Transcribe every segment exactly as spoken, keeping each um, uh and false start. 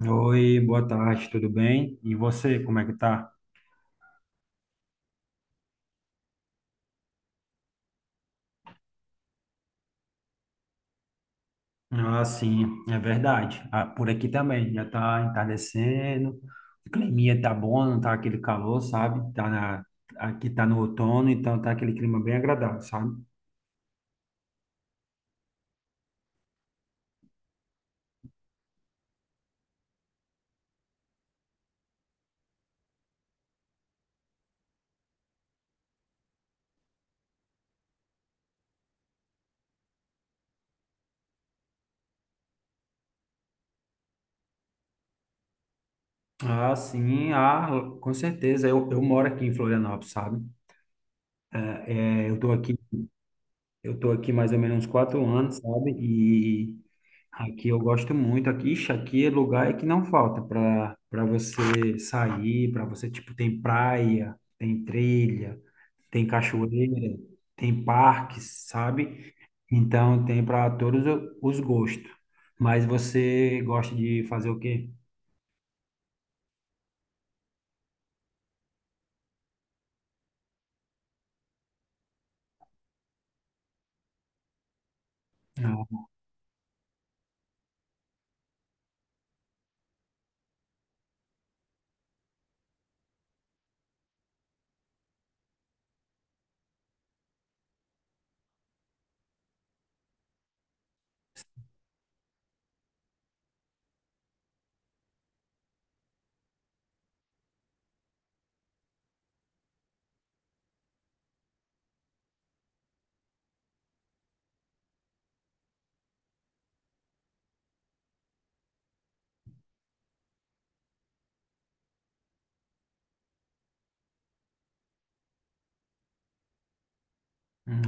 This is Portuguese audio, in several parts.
Oi, boa tarde, tudo bem? E você, como é que tá? Ah, sim, é verdade. Ah, por aqui também, já tá entardecendo, o climinha tá bom, não tá aquele calor, sabe? Tá na, aqui tá no outono, então tá aquele clima bem agradável, sabe? Ah, sim, ah, com certeza, eu, eu moro aqui em Florianópolis, sabe? É, Eu tô aqui Eu tô aqui mais ou menos uns quatro anos, sabe? E aqui eu gosto muito. Aqui, ixi, aqui é lugar que não falta para para você sair, para você, tipo, tem praia, tem trilha, tem cachoeira, tem parques, sabe? Então tem para todos o- os gostos. Mas você gosta de fazer o quê? Ah,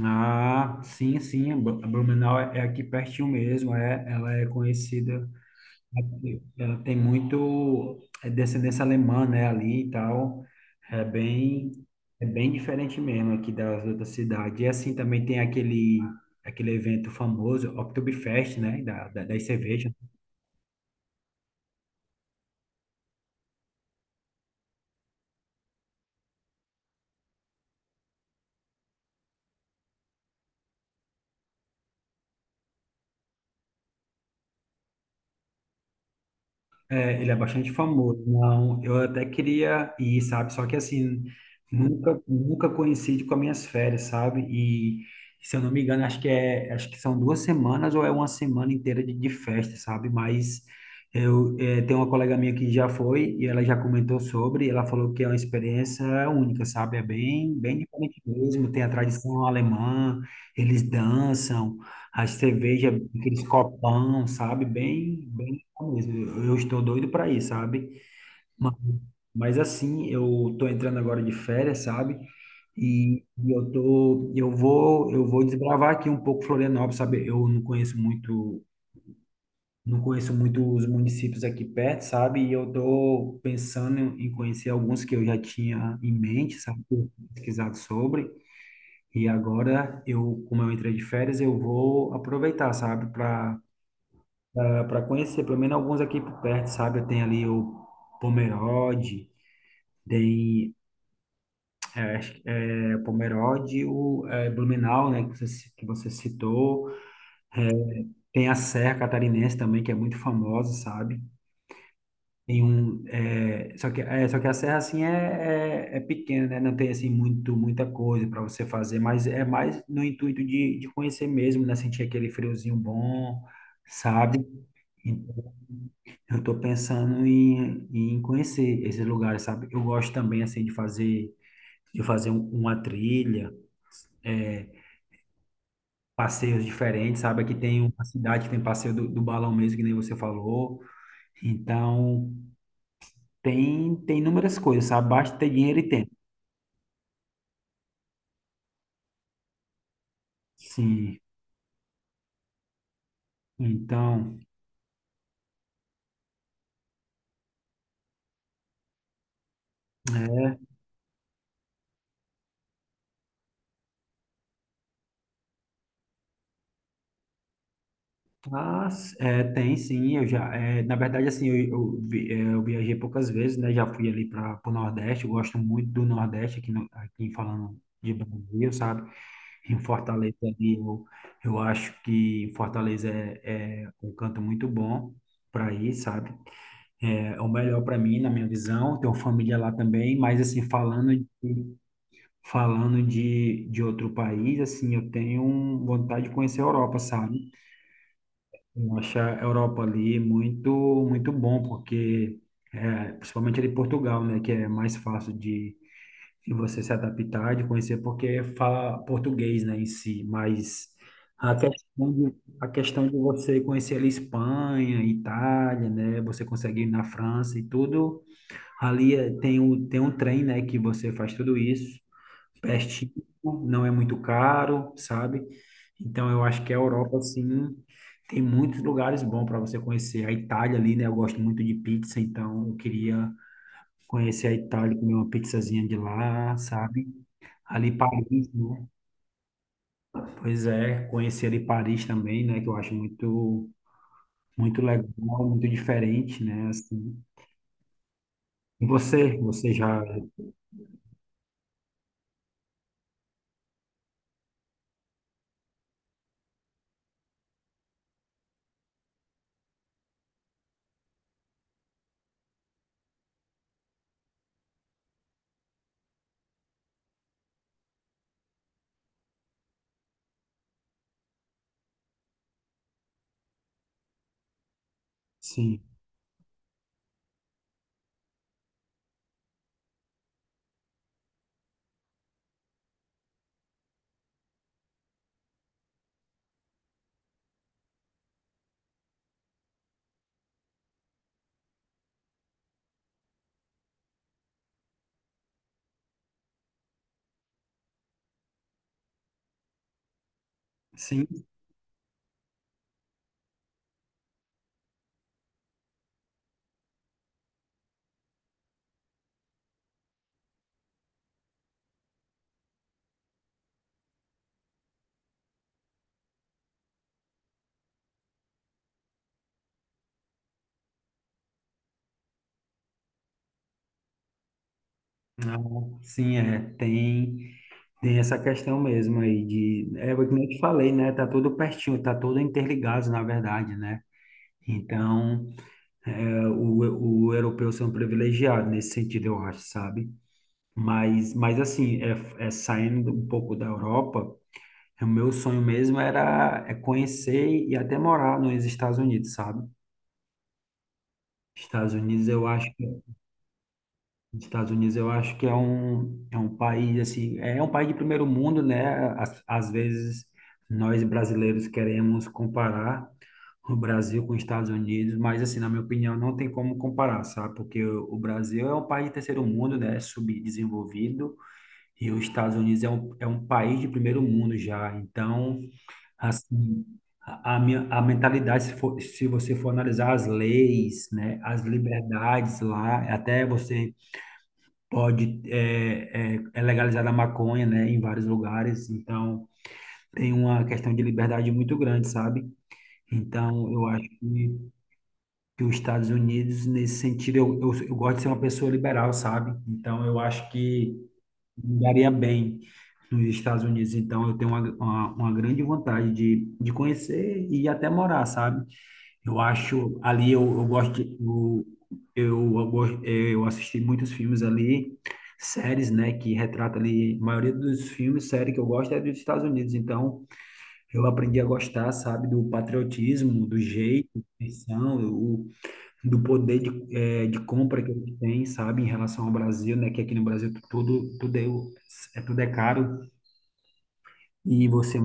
ah, sim, sim. Blu- Blumenau é é aqui pertinho mesmo. É, ela é conhecida. Ela tem muito é, descendência alemã, né, ali e tal. É bem, é bem diferente mesmo aqui das outras cidades. E assim também tem aquele, aquele evento famoso, Oktoberfest, né, da, da, das cervejas. É, ele é bastante famoso. Não, eu até queria ir, sabe? Só que assim, nunca, nunca coincide com as minhas férias, sabe? E se eu não me engano, acho que é, acho que são duas semanas ou é uma semana inteira de, de festa, sabe? Mas eu é, tenho uma colega minha que já foi e ela já comentou sobre, e ela falou que é uma experiência única, sabe? É bem, bem diferente mesmo. Tem a tradição alemã, eles dançam, a cerveja, aqueles copão, sabe? Bem, bem mesmo. Eu eu estou doido para ir, sabe? Ma- Mas assim, eu tô entrando agora de férias, sabe? E, e eu tô, eu vou, eu vou desbravar aqui um pouco Florianópolis, sabe? Eu não conheço muito, Não conheço muito os municípios aqui perto, sabe? E eu tô pensando em conhecer alguns que eu já tinha em mente, sabe? Que eu tinha pesquisado sobre. E agora eu, como eu entrei de férias, eu vou aproveitar, sabe? Para para conhecer, pelo menos alguns aqui por perto, sabe? Tem ali o Pomerode, tem é, acho que é Pomerode, o é, Blumenau, né, que você, ci- que você citou. É, Tem a Serra Catarinense também, que é muito famosa, sabe? Tem um, é, só que, é, só que a serra, assim, é, é, é pequena, né? Não tem, assim, muito, muita coisa para você fazer, mas é mais no intuito de, de conhecer mesmo, né? Sentir aquele friozinho bom, sabe? Eu estou pensando em, em conhecer esses lugares, sabe? Eu gosto também, assim, de fazer, de fazer um- uma trilha, é, passeios diferentes, sabe? Aqui tem uma cidade que tem passeio do, do balão mesmo, que nem você falou. Então, tem, tem inúmeras coisas, sabe? Basta ter dinheiro e tempo. Sim. Então, ah, s- é, tem sim, eu já, é, na verdade, assim, eu, eu, vi- é, eu viajei poucas vezes, né, já fui ali para o Nordeste, eu gosto muito do Nordeste, aqui, no, aqui falando de Brasil, sabe? Em Fortaleza, ali, eu, eu acho que em Fortaleza é, é um canto muito bom para ir, sabe? É, é o melhor para mim, na minha visão. Tenho família lá também, mas assim, falando de, falando de, de, outro país, assim, eu tenho um, vontade de conhecer a Europa, sabe? Eu acho a Europa ali muito, muito bom, porque, é, principalmente ali em Portugal, né, que é mais fácil de e você se adaptar, de conhecer, porque fala português, né, em si, mas a questão de, a questão de você conhecer ali Espanha, Itália, né, você consegue ir na França e tudo, ali é- tem o, tem um trem, né, que você faz tudo isso, pertinho, não é muito caro, sabe? Então eu acho que a Europa, assim, tem muitos lugares bons para você conhecer. A Itália ali, né, eu gosto muito de pizza, então eu queria conhecer a Itália, comer uma pizzazinha de lá, sabe? Ali Paris, né? Pois é, conhecer ali Paris também, né? Que eu acho muito, muito legal, muito diferente, né? Assim. E você, você já, sim, sim, não, sim, é, tem, tem essa questão mesmo aí de, é, o que eu te falei, né? Tá tudo pertinho, tá tudo interligado, na verdade, né? Então, é, o o europeu ser um privilegiado nesse sentido, eu acho, sabe? Mas, mas assim, é, é saindo um pouco da Europa. O meu sonho mesmo era é conhecer e até morar nos Estados Unidos, sabe? Estados Unidos eu acho que Estados Unidos eu acho que é um é um país assim, é é um país de primeiro mundo, né? Às, às vezes nós brasileiros queremos comparar o Brasil com os Estados Unidos, mas assim, na minha opinião, não tem como comparar, sabe? Porque o o Brasil é um país de terceiro mundo, né? Subdesenvolvido, e os Estados Unidos é um, é um país de primeiro mundo já. Então, assim, a, a minha, a mentalidade, se for, se você for analisar as leis, né, as liberdades lá, até você pode, é, é, é legalizada a maconha, né, em vários lugares, então tem uma questão de liberdade muito grande, sabe? Então, eu acho que, que os Estados Unidos, nesse sentido, eu, eu, eu gosto de ser uma pessoa liberal, sabe? Então, eu acho que me daria bem nos Estados Unidos, então eu tenho uma, uma, uma grande vontade de, de conhecer e até morar, sabe? Eu acho ali eu, eu gosto de, eu, eu, eu gosto- eu assisti muitos filmes ali, séries, né, que retrata ali a maioria dos filmes, séries que eu gosto é dos Estados Unidos, então eu aprendi a gostar, sabe, do patriotismo, do jeito, missão, do poder de, eh, de compra que eles têm, sabe, em relação ao Brasil, né? Que aqui no Brasil tu- tudo tudo é, o- é tudo é caro e você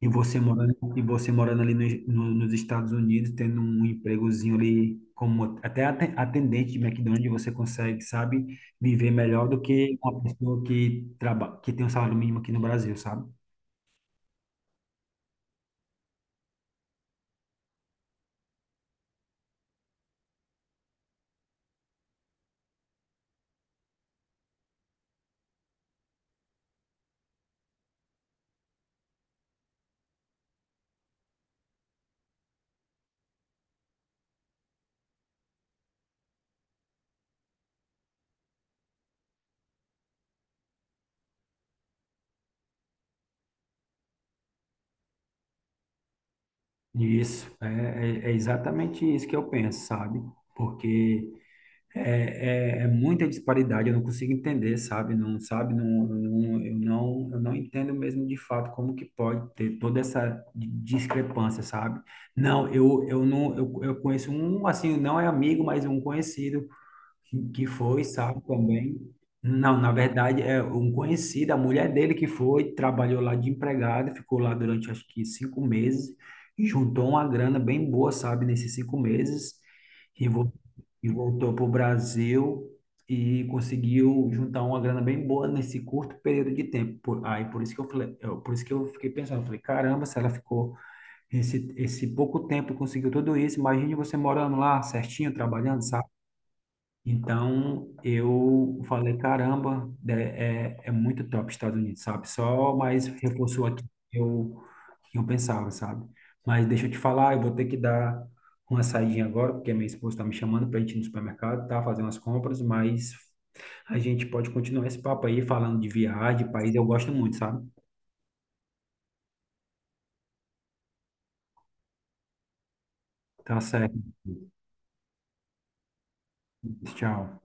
e você morando e você morando ali nos no- nos Estados Unidos, tendo um empregozinho ali como até aten- atendente de McDonald's, você consegue, sabe, viver melhor do que uma pessoa que trabalha que tem um salário mínimo aqui no Brasil, sabe? Isso, é, é é exatamente isso que eu penso, sabe? Porque É, é, é muita disparidade, eu não consigo entender, sabe? Não, sabe? Não, não, eu não, eu não entendo mesmo de fato como que pode ter toda essa di- discrepância, sabe? Não, eu, eu não, eu, eu conheço um, assim, não é amigo, mas um conhecido que foi, sabe, também. Não, na verdade, é um conhecido, a mulher dele que foi, trabalhou lá de empregada, ficou lá durante acho que cinco meses, e juntou uma grana bem boa, sabe, nesses cinco meses, e, vol- e voltou para o Brasil e conseguiu juntar uma grana bem boa nesse curto período de tempo. Por- Aí por isso que eu falei, eu- por isso que eu fiquei pensando, eu falei, caramba, se ela ficou esse, esse pouco tempo e conseguiu tudo isso, imagine você morando lá certinho, trabalhando, então eu falei, caramba, é, é, é muito top Estados Unidos, sabe? Só mais reforçou aqui que eu, que eu pensava, sabe? Mas deixa eu te falar, eu vou ter que dar uma saidinha agora, porque minha esposa está me chamando para a gente ir no supermercado, tá? Fazer umas compras, mas a gente pode continuar esse papo aí falando de viagem, país, eu gosto muito, sabe? Tá certo, tchau.